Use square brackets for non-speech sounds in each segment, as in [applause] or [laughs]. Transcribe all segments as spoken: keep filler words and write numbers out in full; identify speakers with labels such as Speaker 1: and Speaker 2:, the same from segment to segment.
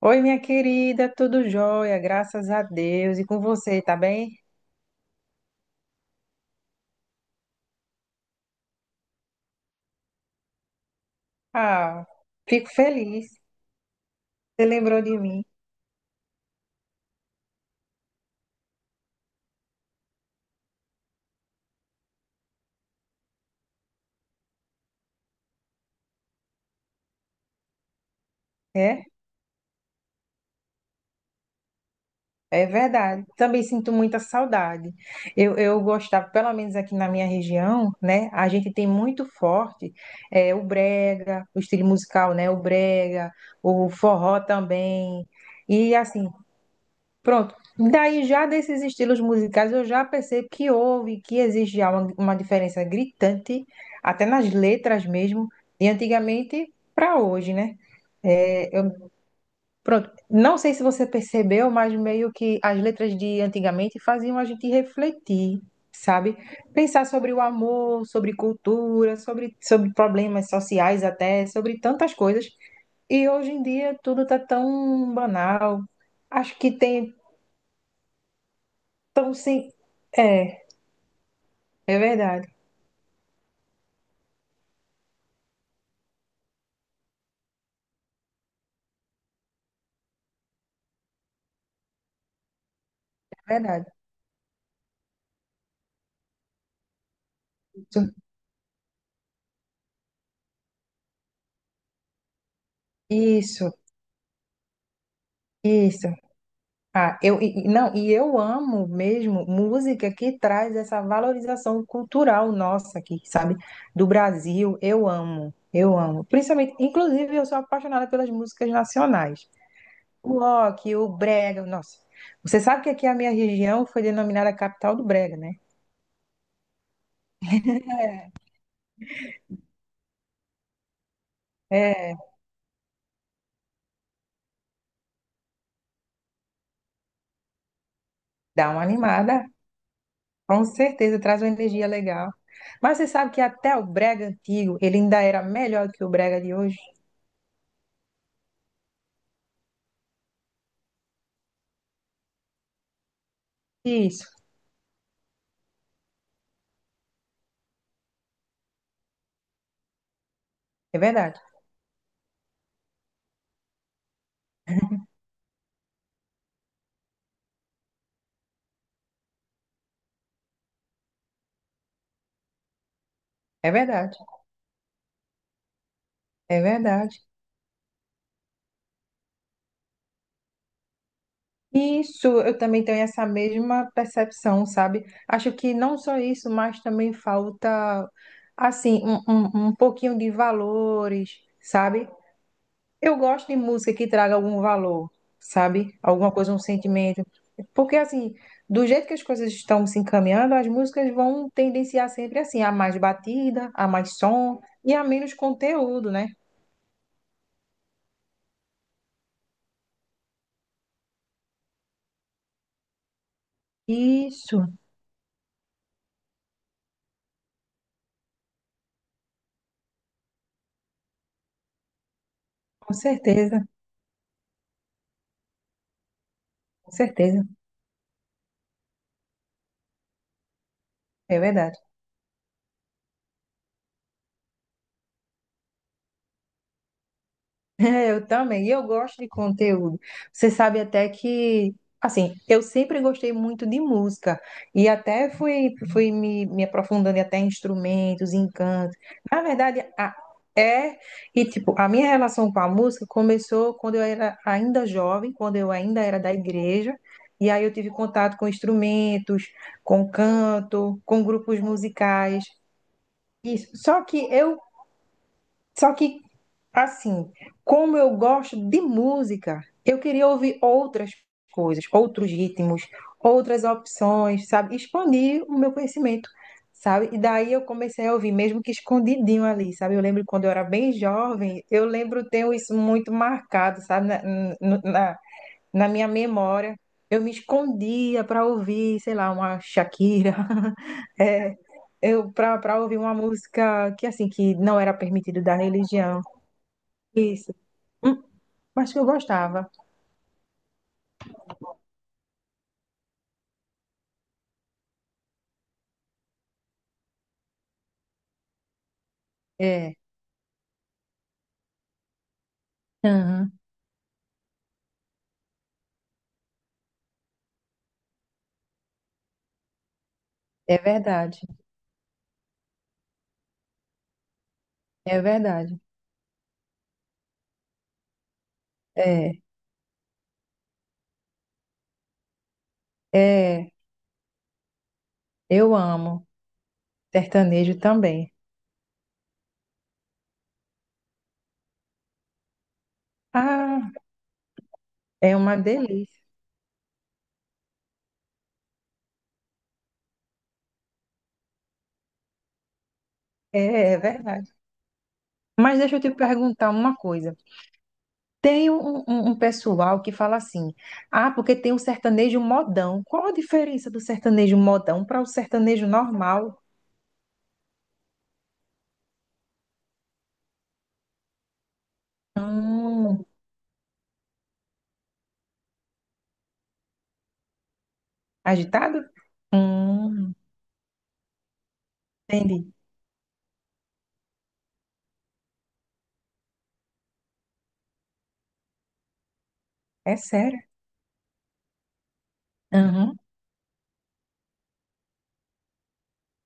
Speaker 1: Oi, minha querida, tudo jóia, graças a Deus. E com você, tá bem? Ah, fico feliz. Você lembrou de mim, é? É verdade. Também sinto muita saudade. Eu, eu gostava, pelo menos aqui na minha região, né? A gente tem muito forte é, o brega, o estilo musical, né? O brega, o forró também. E assim, pronto. Daí, já desses estilos musicais, eu já percebo que houve, que existe já uma, uma diferença gritante, até nas letras mesmo, de antigamente para hoje, né? É, eu, pronto. Não sei se você percebeu, mas meio que as letras de antigamente faziam a gente refletir, sabe? Pensar sobre o amor, sobre cultura, sobre, sobre problemas sociais até, sobre tantas coisas. E hoje em dia tudo tá tão banal. Acho que tem tão sem. É. É verdade, é verdade. Isso, isso, isso. Ah, eu e- e- não, e eu amo mesmo música que traz essa valorização cultural nossa aqui, sabe? Do Brasil, eu amo, eu amo. Principalmente, inclusive, eu sou apaixonada pelas músicas nacionais. O rock, o brega, nossa. Você sabe que aqui a minha região foi denominada capital do brega, né? É, dá uma animada. Com certeza, traz uma energia legal. Mas você sabe que até o brega antigo, ele ainda era melhor do que o brega de hoje? Isso, é verdade, é verdade, é verdade. Isso, eu também tenho essa mesma percepção, sabe? Acho que não só isso, mas também falta, assim, um, um, um pouquinho de valores, sabe? Eu gosto de música que traga algum valor, sabe? Alguma coisa, um sentimento. Porque, assim, do jeito que as coisas estão se encaminhando, as músicas vão tendenciar sempre assim, a mais batida, a mais som e a menos conteúdo, né? Isso, com certeza, com certeza. É verdade. É, eu também. E eu gosto de conteúdo. Você sabe até que, assim, eu sempre gostei muito de música. E até fui, fui me, me aprofundando em até em instrumentos, em canto. Na verdade, a- é. E, tipo, a minha relação com a música começou quando eu era ainda jovem, quando eu ainda era da igreja. E aí eu tive contato com instrumentos, com canto, com grupos musicais. Isso. Só que eu. Só que assim, como eu gosto de música, eu queria ouvir outras coisas, outros ritmos, outras opções, sabe? Expandir o meu conhecimento, sabe? E daí eu comecei a ouvir, mesmo que escondidinho ali, sabe? Eu lembro quando eu era bem jovem, eu lembro, tenho isso muito marcado, sabe? Na, no- na, Na minha memória. Eu me escondia para ouvir, sei lá, uma Shakira, [laughs] é, eu para para ouvir uma música que assim que não era permitido da religião. Isso. Hum, acho que eu gostava. É. Aham. É verdade. É verdade. É. É. Eu amo sertanejo também. Ah, é uma delícia. É, é verdade. Mas deixa eu te perguntar uma coisa. Tem um, um- um um pessoal que fala assim: ah, porque tem um sertanejo modão. Qual a diferença do sertanejo modão para o sertanejo normal? Hum, agitado? Hum, entendi. É sério?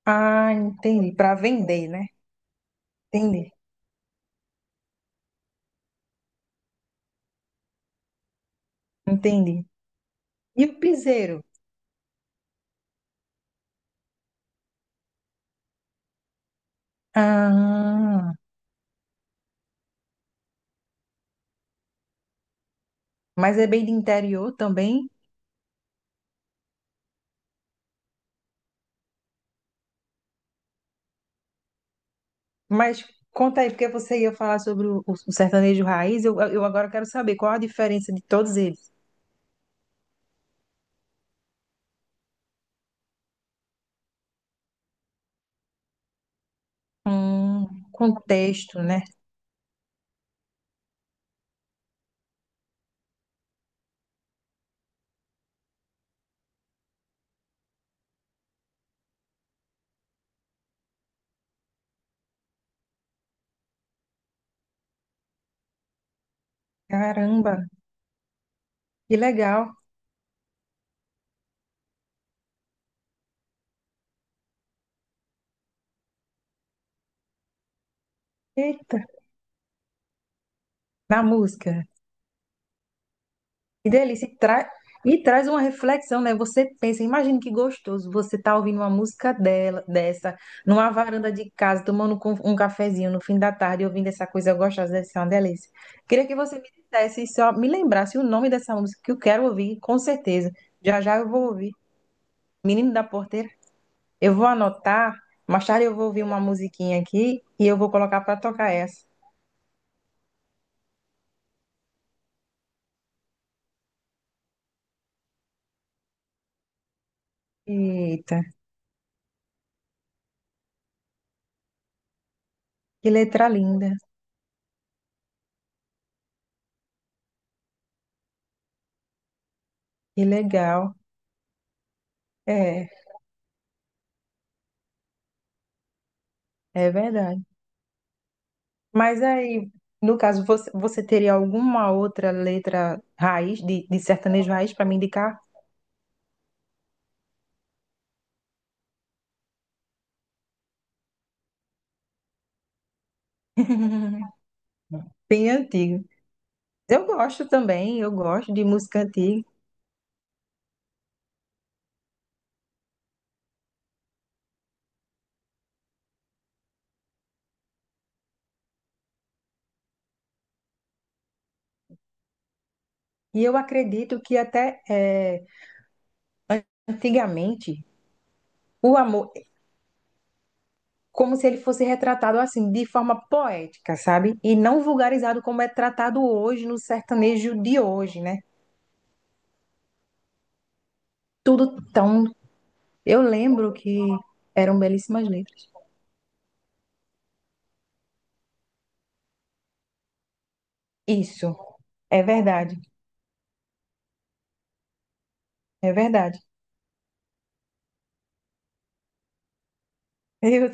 Speaker 1: Ah, entendi. Para vender, né? Entendi, entendi. E o piseiro? Ah, mas é bem de interior também. Mas conta aí, porque você ia falar sobre o, o sertanejo raiz. Eu, eu agora quero saber qual a diferença de todos eles. Hum, contexto, né? Caramba, que legal. Eita, na música. Que delícia. E, tra- e traz uma reflexão, né? Você pensa, imagina que gostoso você tá ouvindo uma música dela, dessa, numa varanda de casa, tomando com- um cafezinho no fim da tarde, ouvindo essa coisa gostosa, deve ser uma delícia. Queria que você me dissesse, e só me lembrasse o nome dessa música que eu quero ouvir, com certeza. Já já eu vou ouvir. Menino da Porteira, eu vou anotar, mais tarde eu vou ouvir uma musiquinha aqui e eu vou colocar para tocar essa. Eita, que letra linda, que legal. É, é verdade. Mas aí, no caso, você, você teria alguma outra letra raiz, de, de sertanejo raiz, para me indicar? [laughs] Bem antigo. Eu gosto também, eu gosto de música antiga. E eu acredito que até eh, an- antigamente o amor, como se ele fosse retratado assim, de forma poética, sabe? E não vulgarizado como é tratado hoje no sertanejo de hoje, né? Tudo tão. Eu lembro que eram belíssimas letras. Isso, é verdade, é verdade. Eu,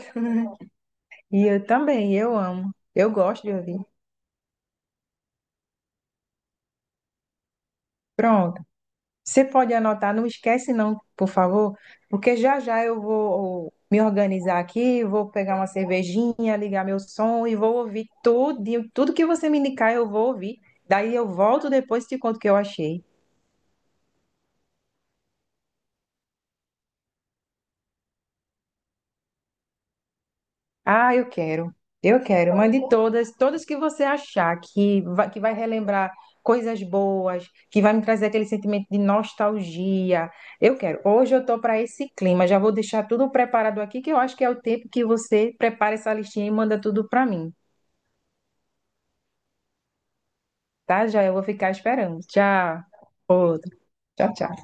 Speaker 1: e eu também, eu amo. Eu gosto de ouvir. Pronto. Você pode anotar, não esquece não, por favor, porque já já eu vou me organizar aqui, vou pegar uma cervejinha, ligar meu som e vou ouvir tudo, tudo que você me indicar eu vou ouvir. Daí eu volto depois e te conto o que eu achei. Ah, eu quero. Eu quero. Mande todas, todas que você achar que vai, que vai relembrar coisas boas, que vai me trazer aquele sentimento de nostalgia. Eu quero. Hoje eu tô para esse clima. Já vou deixar tudo preparado aqui, que eu acho que é o tempo que você prepara essa listinha e manda tudo para mim, tá? Já eu vou ficar esperando. Tchau. Outro. Tchau, tchau.